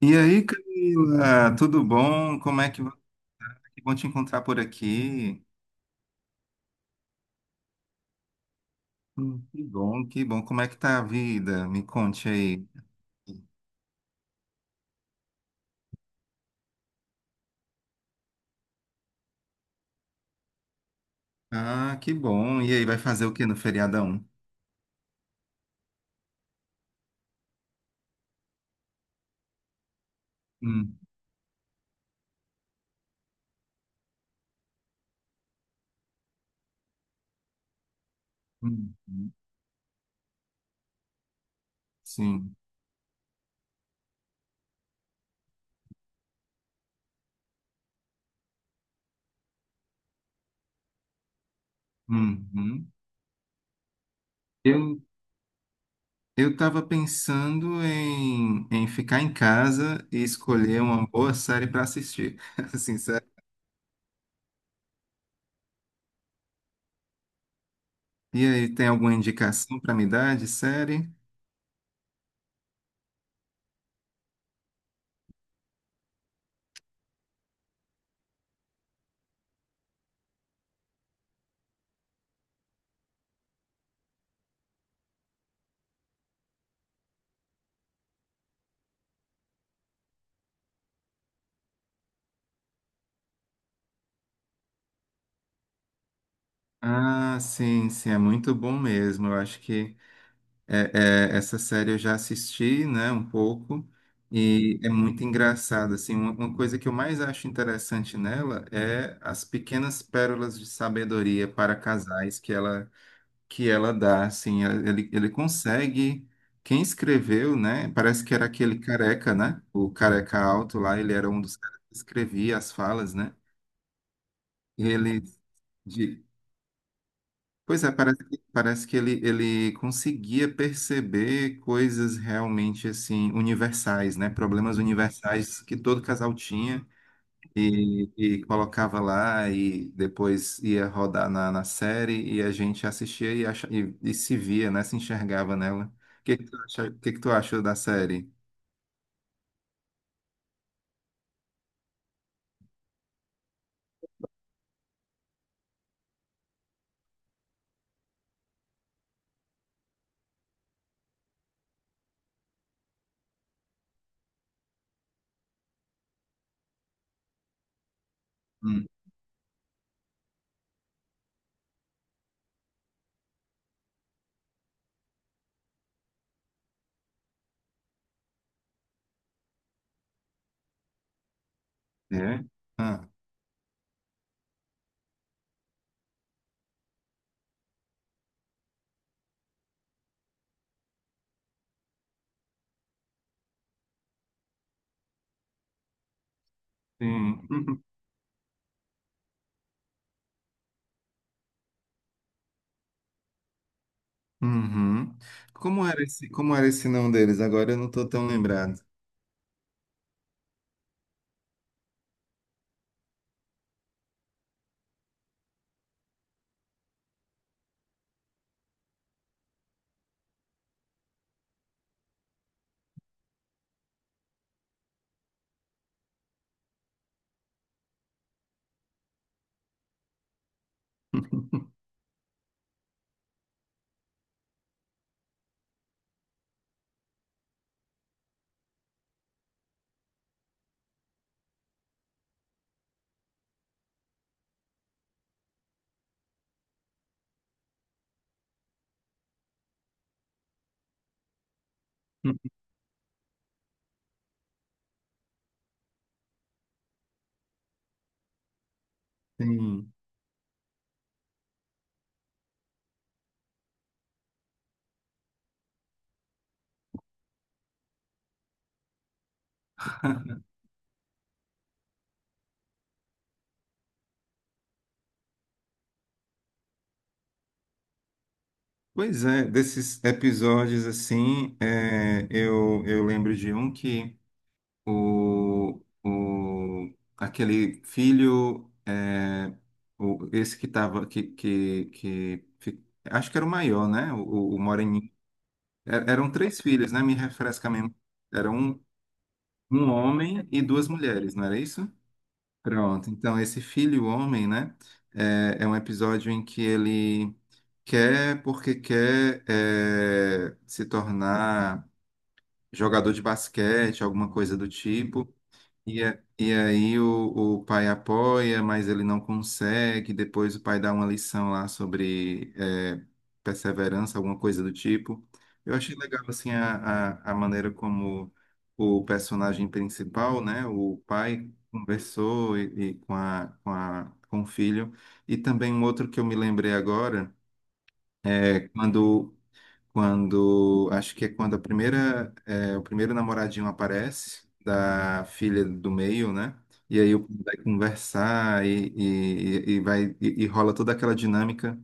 E aí, Camila, tudo bom? Como é que va- que bom te encontrar por aqui. Que bom, que bom. Como é que tá a vida? Me conte aí. Ah, que bom. E aí, vai fazer o que no feriadão? Hum, hum, hum. Sim. Uhum. Eu, eu estava pensando em ficar em casa e escolher uma boa série para assistir. Assim, sério. E aí, tem alguma indicação para me dar de série? Ah, sim, sim, é muito bom mesmo. Eu acho que É, essa série eu já assisti, né, um pouco, e é muito engraçado, assim, uma coisa que eu mais acho interessante nela é as pequenas pérolas de sabedoria para casais que ela dá, assim, ele consegue, quem escreveu, né, parece que era aquele careca, né, o careca alto lá, ele era um dos caras que escrevia as falas, né, ele. Pois é, parece que ele conseguia perceber coisas realmente assim universais, né? Problemas universais que todo casal tinha e colocava lá e depois ia rodar na, na série e a gente assistia e, acha, e se via, né? Se enxergava nela. O que que tu acha, o que que tu achou da série? Hum. É? Ah, sim. Uhum. Uhum. Como era esse nome deles? Agora eu não estou tão lembrado. Sim. Pois é, desses episódios assim, é, eu lembro de um que o, aquele filho, é, o, esse que tava, acho que era o maior, né? O Moreninho. E- Eram três filhos, né? Me refresca mesmo. Era um, um homem e duas mulheres, não era isso? Pronto, então esse filho homem, né, é, é um episódio em que ele quer, porque quer é, se tornar jogador de basquete, alguma coisa do tipo, e, a- e aí o pai apoia, mas ele não consegue. Depois o pai dá uma lição lá sobre é, perseverança, alguma coisa do tipo. Eu achei legal assim a maneira como o personagem principal, né, o pai conversou e com a, com a, com o filho. E também um outro que eu me lembrei agora é quando acho que é quando a primeira, é, o primeiro namoradinho aparece, da filha do meio, né? E aí o- povo vai conversar e vai, e rola toda aquela dinâmica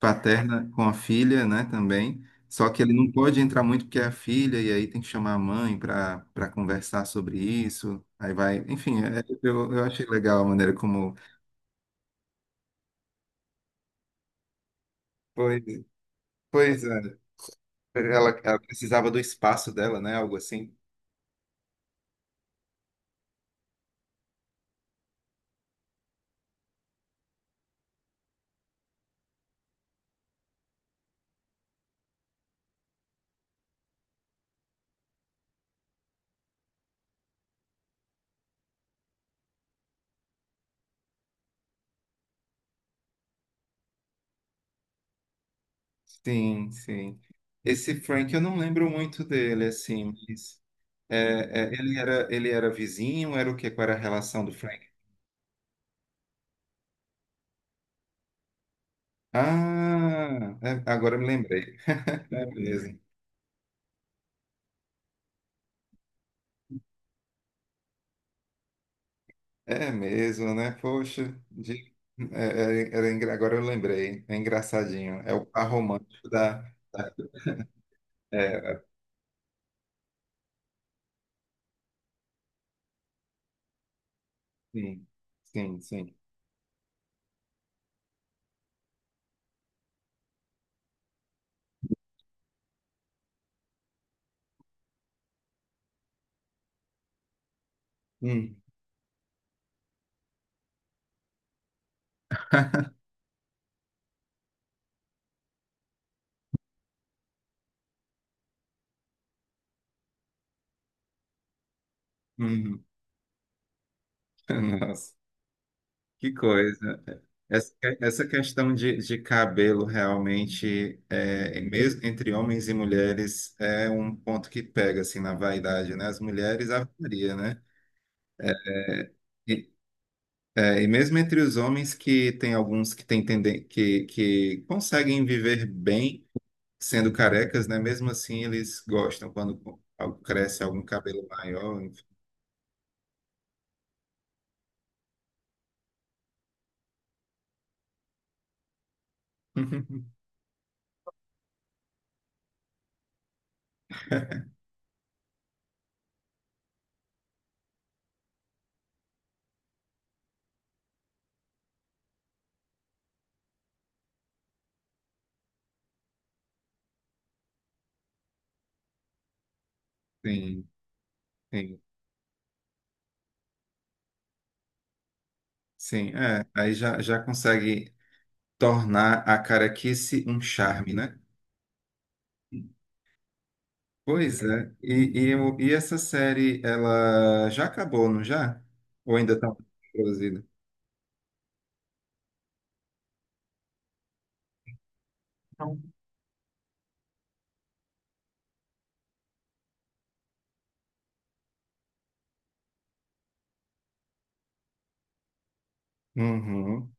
paterna com a filha, né, também. Só que ele não pode entrar muito porque é a filha, e aí tem que chamar a mãe para para conversar sobre isso. Aí vai, enfim, é- eu achei legal a maneira como. Pois, pois é, ela precisava do espaço dela, né? Algo assim. Sim, sim. Esse Frank, eu não lembro muito dele, assim, mas é, é, ele era vizinho, era o quê? Qual era a relação do Frank? Ah, é, agora eu me lembrei. É mesmo. É mesmo, né? Poxa, de- é, é, era engra- agora eu lembrei. É engraçadinho. É o par romântico da. É, sim, sim, sim. Hum, hum. Nossa. Que coisa. Essa essa questão de cabelo realmente, é, mesmo entre homens e mulheres, é um ponto que pega assim na vaidade, né? As mulheres, a varia, né? É, E, é, e mesmo entre os homens que tem alguns que têm tenden que conseguem viver bem sendo carecas, né? Mesmo assim, eles gostam quando algo- cresce algum cabelo maior. Enfim. Sim, sim, sim. É, aí já, já consegue tornar a caraquice um charme, né? Pois é. E, o- e essa série, ela já acabou, não já? Ou ainda está produzida? Não. Uhum,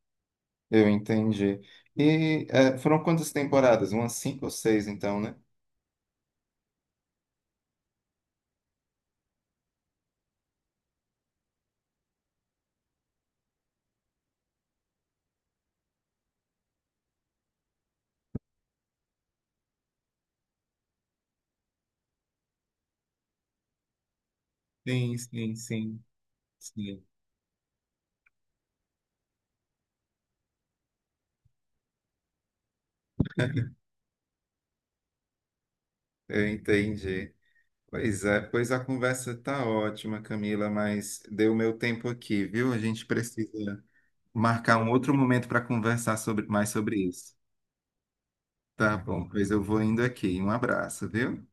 eu entendi. E eh, foram quantas temporadas? Umas cinco ou seis, então, né? Sim, sim, sim, sim. Eu entendi. Pois é, pois a conversa tá ótima, Camila, mas deu meu tempo aqui, viu? A gente precisa marcar um outro momento para conversar sobre, mais sobre isso. Tá Tá bom, bom? Pois eu vou indo aqui. Um abraço, viu?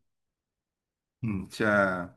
Tchau.